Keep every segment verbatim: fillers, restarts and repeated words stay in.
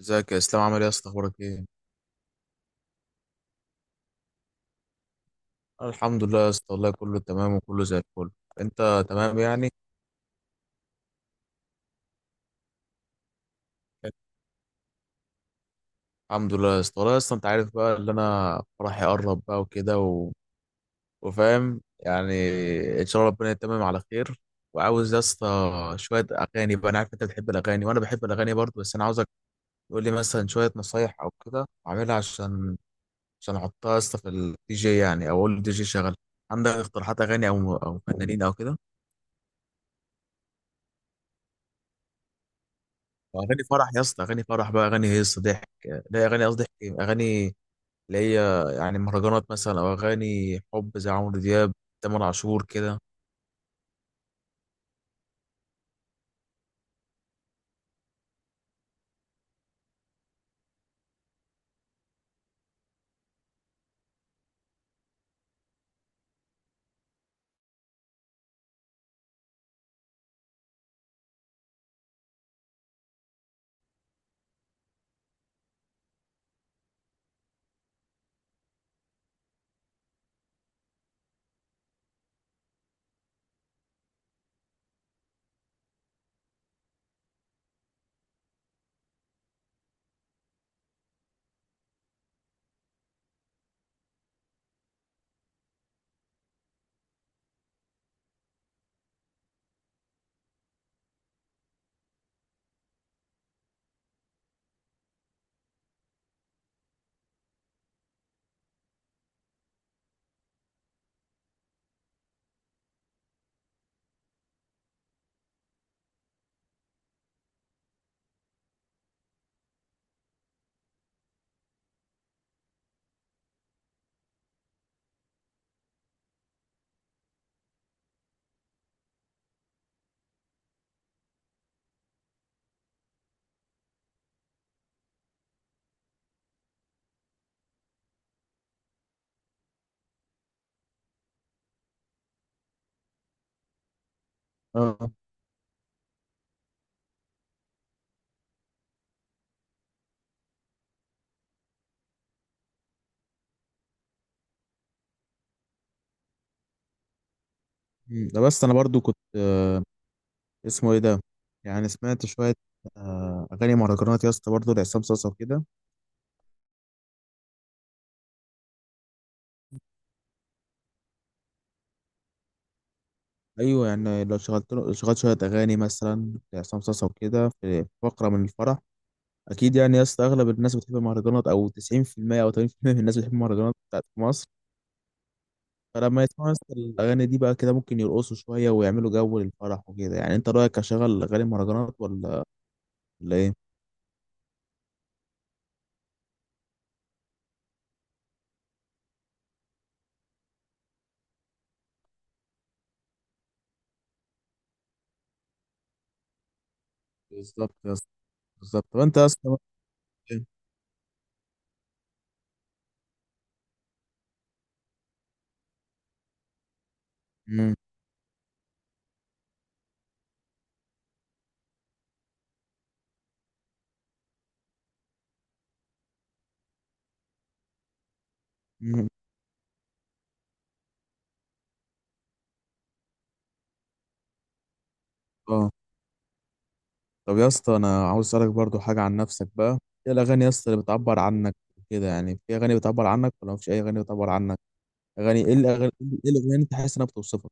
ازيك يا اسلام؟ عامل ايه يا اسطى؟ اخبارك ايه؟ أنا الحمد لله يا اسطى، والله كله تمام وكله زي الفل. انت تمام يعني؟ الحمد لله يا اسطى، والله يا اسطى انت عارف بقى اللي انا فرحي قرب بقى وكده و... وفاهم يعني. ان شاء الله ربنا يتمم على خير. وعاوز يا اسطى شويه اغاني بقى، انا عارف انت بتحب الاغاني وانا بحب الاغاني برضه، بس انا عاوزك تقول لي مثلا شويه نصايح او كده اعملها عشان عشان احطها يا اسطى في الدي جي يعني، او اقول الدي جي شغل. عندك اقتراحات اغاني او او فنانين او كده؟ اغاني فرح يا اسطى، اغاني فرح بقى، اغاني هيصه ضحك. لا، اغاني قصدي ضحك، اغاني اللي هي يعني مهرجانات مثلا او اغاني حب زي عمرو دياب، تامر عاشور كده. اه. مم. ده بس انا برضو كنت، آه، اسمه ايه ده، يعني سمعت شويه آه، اغاني مهرجانات يا اسطى برضه لعصام صاصا وكده. ايوه، يعني لو شغلت له، شغلت شويه اغاني مثلا لعصام صاصا وكده في فقره من الفرح اكيد يعني يا اسطى. اغلب الناس بتحب المهرجانات، او تسعين في المية او ثمانين في المية من الناس بتحب المهرجانات بتاعت مصر. فلما يسمعوا يسطا الأغاني دي بقى كده ممكن يرقصوا شوية ويعملوا جو للفرح وكده يعني، أنت رأيك أشغل أغاني مهرجانات ولا ولا إيه؟ بالظبط يا اسطى. بالظبط. طب أنت يا اسطى بقى إيه؟ مم، مم، أه. طب يا اسطى، أنا عاوز أسألك برضو حاجة عن نفسك بقى. إيه الأغاني يا اسطى اللي بتعبر عنك كده يعني؟ في أغاني بتعبر عنك ولا مفيش أي أغاني بتعبر عنك؟ أغاني إيه؟ الأغاني إيه؟ الأغاني اللي أنت حاسس إنها بتوصفك؟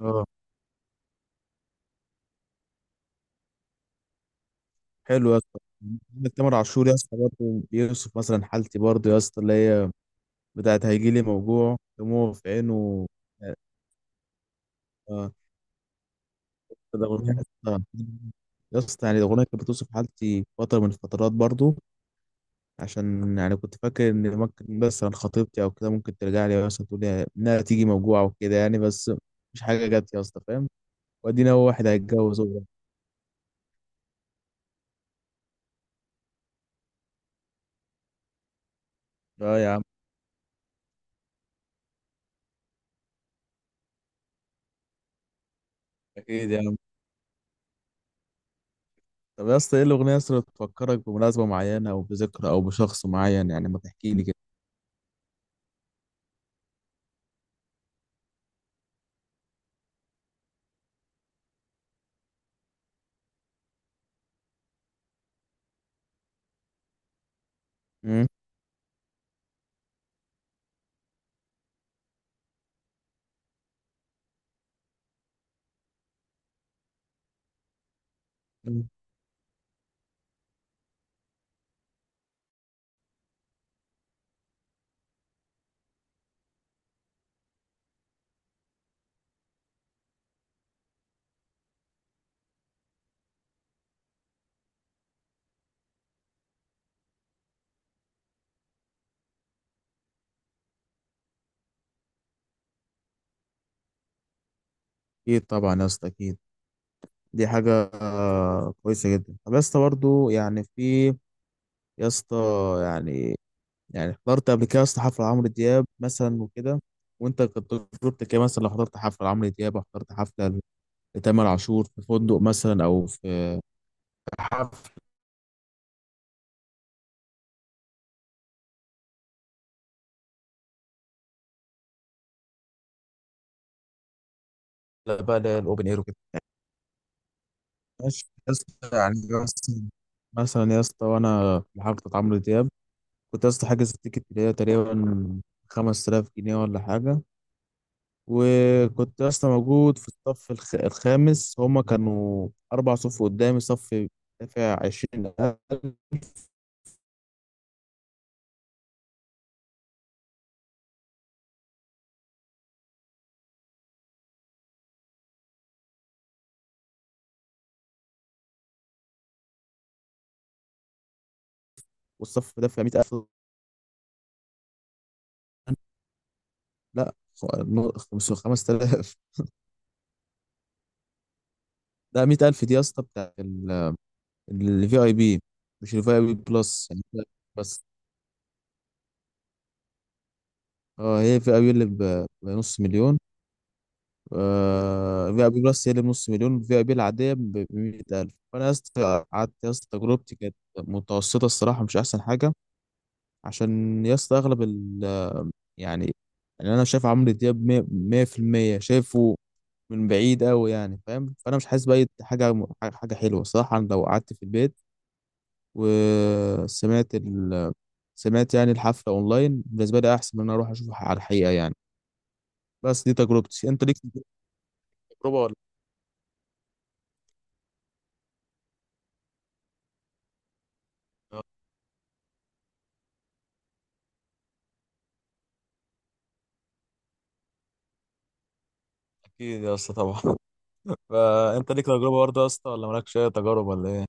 أه، حلو يا اسطى. عندك تامر عاشور يا اسطى برضه بيوصف مثلا حالتي برضه يا اسطى، اللي هي بتاعت هيجيلي موجوع دموعه في عينه. آه، ده أغنية آه. يا اسطى يعني الأغنية كانت بتوصف حالتي فترة من الفترات برضو، عشان يعني كنت فاكر إن ممكن مثلا خطيبتي أو كده ممكن ترجع لي، مثلا تقول لي إنها تيجي موجوعة وكده يعني، بس مش حاجة جت يا اسطى، فاهم؟ وأدينا هو واحد هيتجوز هو. أه يا عم. أكيد يا عم. طب يا اسطى، إيه الأغنية يا اسطى اللي بتفكرك بمناسبة معينة أو بذكرى أو بشخص معين؟ يعني ما تحكي لي كده. أمم. أكيد طبعا يا اسطى، أكيد. دي حاجة آه، كويسة جدا. طب يا اسطى برضه يعني في، يا اسطى، يعني، يعني حضرت قبل كده يا اسطى حفلة عمرو دياب مثلا وكده، وانت كانت تجربتك ايه مثلا لو حضرت حفلة لعمرو دياب او حضرت حفلة لتامر عاشور في فندق مثلا او في حفلة بقى، اللي هي الاوبن اير وكده. ماشي يا اسطى يعني، مثلا، مثلا يا اسطى وانا في حفلة عمرو دياب كنت يا اسطى حاجز التيكت اللي هي تقريبا خمس تلاف جنيه ولا حاجة، وكنت اصلا موجود في الصف الخ- الخامس. هما كانوا اربع صف قدامي، صف دافع عشرين ألف، والصف دافع مية ألف. لا، خمس خمس تلاف. ده مية ألف دي يا اسطى بتاع الفي اي بي، مش الفي اي بي بلس يعني، لا بس. اه، هي في اي بي اللي ب- بنص مليون. في اي بي بلس هي اللي بنص مليون، في اي بي العادية ب مية ألف. فأنا يا اسطى قعدت يا اسطى، تجربتي كانت متوسطة الصراحة، مش أحسن حاجة. عشان يا اسطى أغلب، يعني، يعني انا شايف عمرو دياب مية- 100% شايفه من بعيد قوي يعني، فاهم؟ فانا مش حاسس باي حاجه حاجه حلوه. صح انا لو قعدت في البيت وسمعت ال... سمعت يعني الحفله اونلاين، بالنسبه لي احسن من ان انا اروح اشوفها على الحقيقه يعني. بس دي تجربتي، انت ليك تجربه ولا؟ اكيد يا اسطى طبعا. فانت ليك تجربه برضه يا اسطى، ولا مالكش اي تجارب ولا ايه؟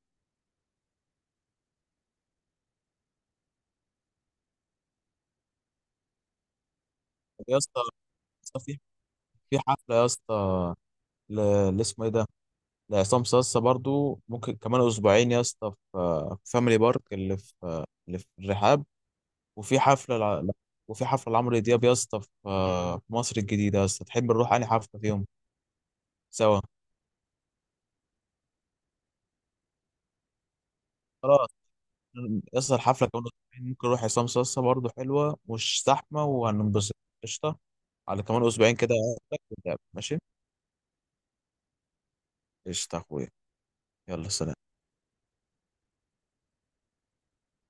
يا اسطى، يا اسطى في، في حفله يا اسطى ل- اللي اسمه ايه ده، ده عصام صاصا برضو ممكن كمان اسبوعين يا اسطى في، في فاميلي بارك اللي في، اللي في الرحاب. وفي حفله لع- لا، وفي حفله لعمرو دياب يا اسطى في، في مصر الجديده. يا اسطى تحب نروح انهي حفله فيهم سوا؟ خلاص يا اسطى، الحفله كمان اسبوعين ممكن نروح عصام صاصا برضو، حلوه مش زحمه وهننبسط. قشطه. على كمان اسبوعين كده أقابلك ونتقابل، ماشي. قشطه يا اخويا. يلا سلام.